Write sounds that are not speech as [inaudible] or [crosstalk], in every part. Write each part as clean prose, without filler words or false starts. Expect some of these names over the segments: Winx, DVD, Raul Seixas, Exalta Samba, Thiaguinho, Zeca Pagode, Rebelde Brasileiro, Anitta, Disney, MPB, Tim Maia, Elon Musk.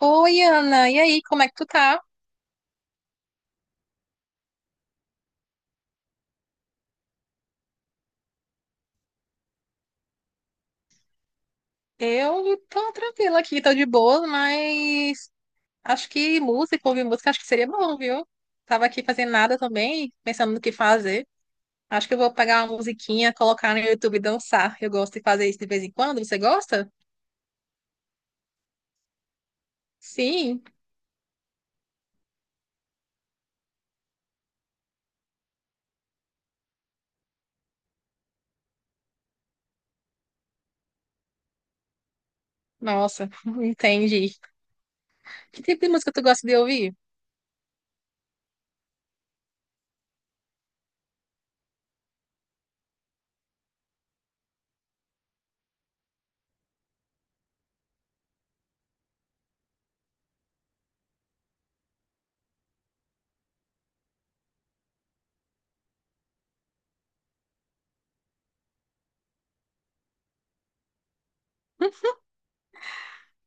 Oi, Ana, e aí, como é que tu tá? Eu tô tranquila aqui, tô de boa, mas acho que música, ouvir música, acho que seria bom, viu? Tava aqui fazendo nada também, pensando no que fazer. Acho que eu vou pegar uma musiquinha, colocar no YouTube e dançar. Eu gosto de fazer isso de vez em quando, você gosta? Sim, nossa, [laughs] entendi. Que tipo de música tu gosta de ouvir?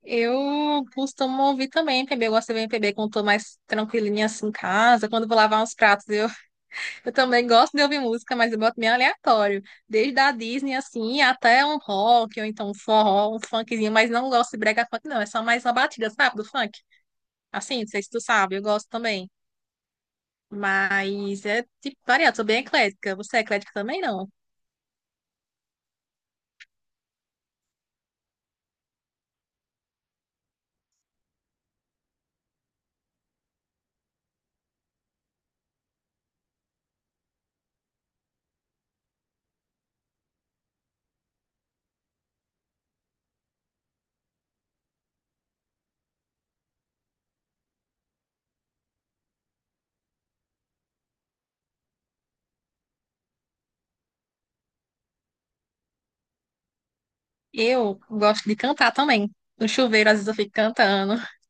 Eu costumo ouvir também MPB, eu gosto de ouvir MPB quando tô mais tranquilinha assim em casa, quando eu vou lavar uns pratos, eu eu também gosto de ouvir música, mas eu boto meio aleatório. Desde a Disney, assim, até um rock, ou então um forró, um funkzinho, mas não gosto de brega funk, não. É só mais uma batida, sabe, do funk? Assim, não sei se tu sabe, eu gosto também. Mas é tipo variado, sou bem eclética. Você é eclética também, não? Eu gosto de cantar também. No chuveiro, às vezes eu fico cantando. [laughs]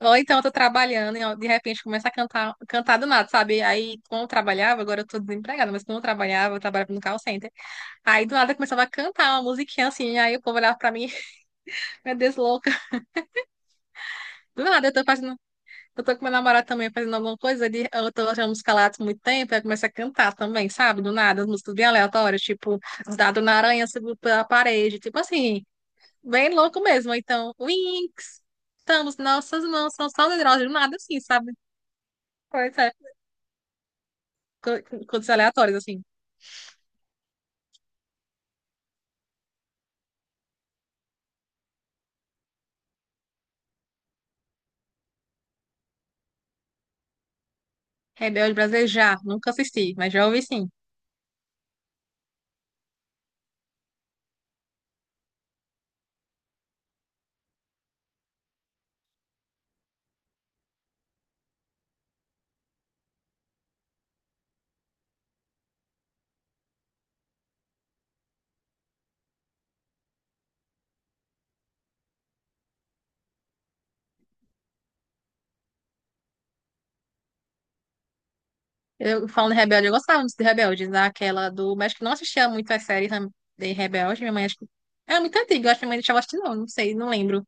Ou então eu tô trabalhando e ó, de repente começo a cantar, cantar do nada, sabe? Aí, quando eu trabalhava, agora eu tô desempregada, mas quando eu trabalhava no call center. Aí do nada eu começava a cantar uma musiquinha assim, aí o povo olhava pra mim, [laughs] meu Deus, louca. Do nada eu tô fazendo, eu tô com meu namorado também fazendo alguma coisa, ele, eu tô achando música lá há muito tempo, aí começa a cantar também, sabe? Do nada, as músicas bem aleatórias, tipo, dado na aranha subiu pela parede, tipo assim, bem louco mesmo. Então, Winx, estamos, nossas mãos são saudadas, do nada assim, sabe? Coisa, co- Coisas aleatórias assim. Rebelde Brasileiro já, nunca assisti, mas já ouvi sim. Eu falando de Rebelde, eu gostava muito de Rebelde, daquela do. Mas acho que não assistia muito as séries né, de Rebelde. Minha mãe acho que. Era muito antiga, eu acho que minha mãe deixava assistir, não, não sei, não lembro.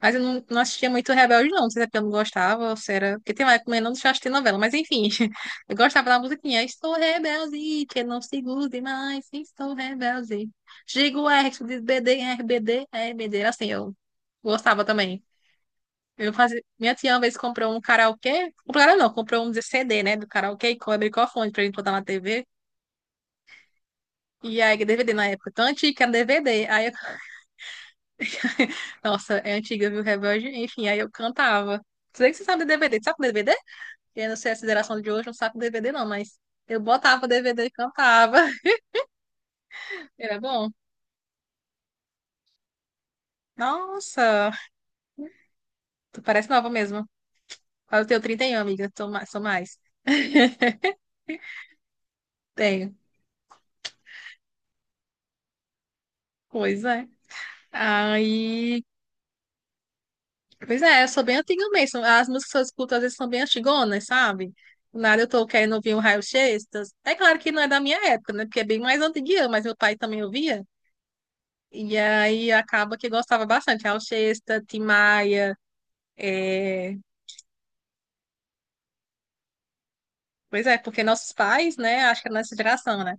Mas eu não, não assistia muito Rebelde, não. Não sei se é porque eu não gostava, ou se era. Porque tem uma época que minha mãe não deixava assistir novela, mas enfim. [laughs] Eu gostava da musiquinha. Estou rebelde, que não se grude mais, estou rebelde. Digo R, tu diz BD, rbd RBD. Era assim, eu gostava também. Eu fazia... Minha tia uma vez comprou um karaokê. Comprou não, comprou um CD, né? Do karaokê e com microfone pra gente botar na TV. E aí, DVD na época, tão antiga, era DVD. Aí eu... Nossa, é antiga, viu? Rebelde. Enfim, aí eu cantava. Sei que você sabe de DVD. Sabe de DVD? Eu não sei a geração de hoje, não sabe o DVD, não, mas eu botava o DVD e cantava. [laughs] Era bom. Nossa, tu parece nova mesmo. Eu tenho 31, amiga. Tô mais, sou mais. [laughs] Tenho. Pois é. Aí. Pois é, eu sou bem antiga mesmo. As músicas que eu escuto às vezes são bem antigonas, sabe? Do nada eu tô querendo ouvir um Raul Seixas. É claro que não é da minha época, né? Porque é bem mais antiguinha, mas meu pai também ouvia. E aí acaba que gostava bastante. Raul Seixas, Tim Maia. É, pois é, porque nossos pais, né? Acho que é nossa geração, né?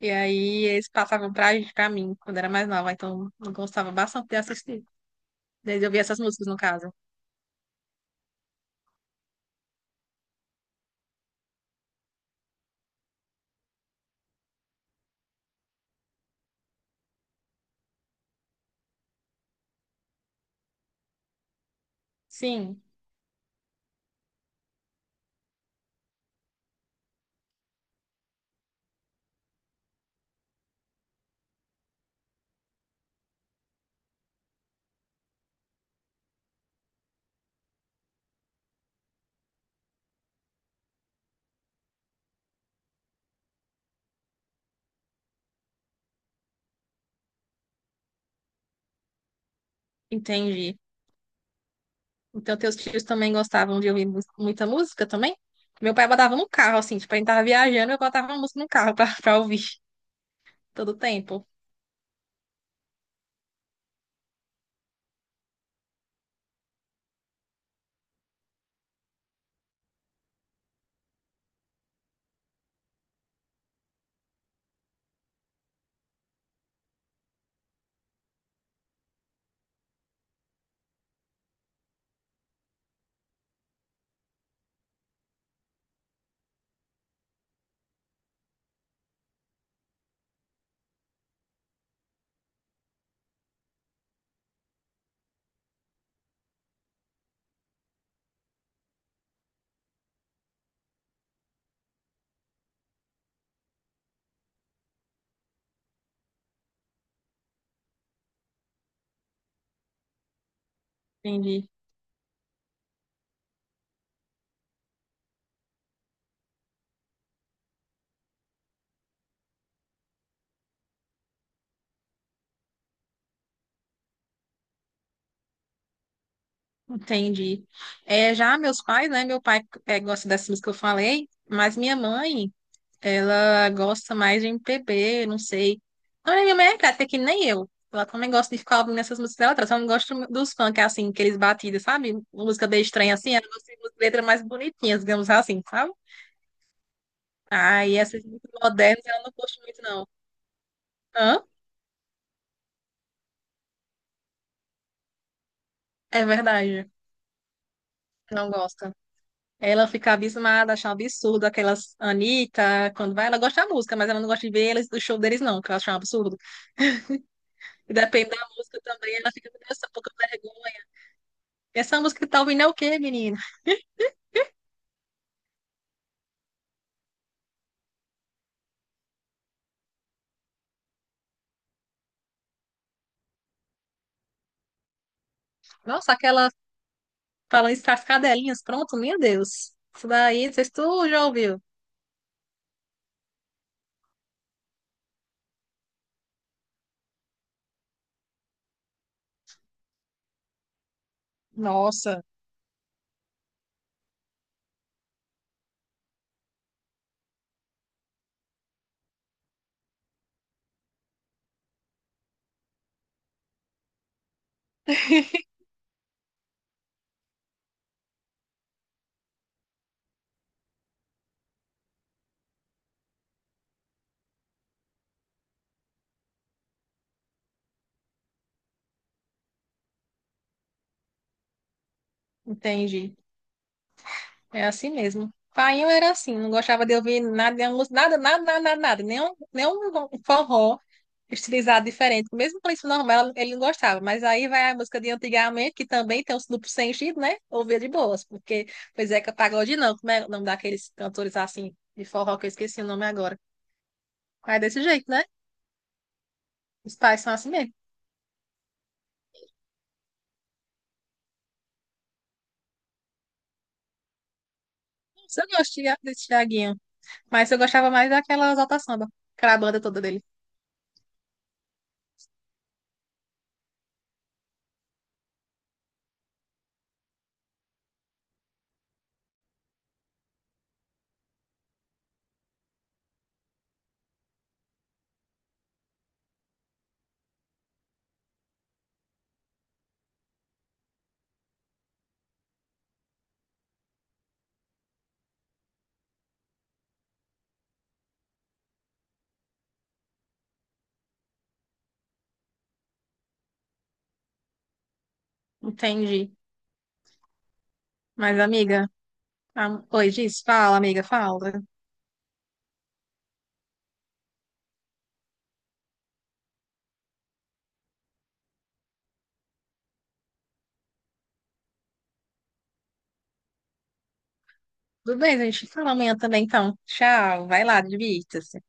E aí eles passavam pra, pra mim quando era mais nova. Então eu gostava bastante de assistir, de ouvir essas músicas, no caso. Sim, entendi. Então, teus tios também gostavam de ouvir muita música também? Meu pai botava no carro, assim, tipo, a gente tava viajando, eu botava uma música no carro pra, [laughs] pra ouvir todo o tempo. Entendi, entendi. É, já meus pais, né? Meu pai é, gosta dessas músicas que eu falei, mas minha mãe, ela gosta mais de MPB, não sei. Não, minha mãe é até que nem eu. Ela também gosta de ficar ouvindo essas músicas dela, ela só não gosta dos funk, assim, aqueles batidas, sabe? Música bem estranha, assim, ela gosta de letras mais bonitinhas, digamos assim, sabe? Ah, e essas muito modernas ela não curte muito, não. Hã? É verdade. Não gosta. Ela fica abismada, acha um absurdo aquelas Anitta, quando vai, ela gosta da música, mas ela não gosta de ver eles, do show deles, não, que ela acha um absurdo. E depende da música também, ela fica com essa pouca vergonha. Essa música que tá ouvindo é o quê, menina? Nossa, aquela falando isso, as cadelinhas, pronto, meu Deus. Isso daí, não sei se tu já ouviu. Nossa, entendi. É assim mesmo. Painho era assim, não gostava de ouvir nada, nada, nada, nada, nada, nada, nenhum forró estilizado diferente. Mesmo com isso normal, ele não gostava. Mas aí vai a música de antigamente, que também tem os duplos sentido, né? Ouvia de boas, porque foi Zeca Pagode, não. Como é o nome daqueles cantores assim de forró que eu esqueci o nome agora? Mas é desse jeito, né? Os pais são assim mesmo. Eu gosto desse Thiaguinho, mas eu gostava mais daquela Exalta Samba, aquela banda toda dele. Entendi. Mas, amiga. Ah, oi, Giz, fala, amiga, fala. Tudo bem, a gente fala amanhã também, então. Tchau, vai lá, divirta-se.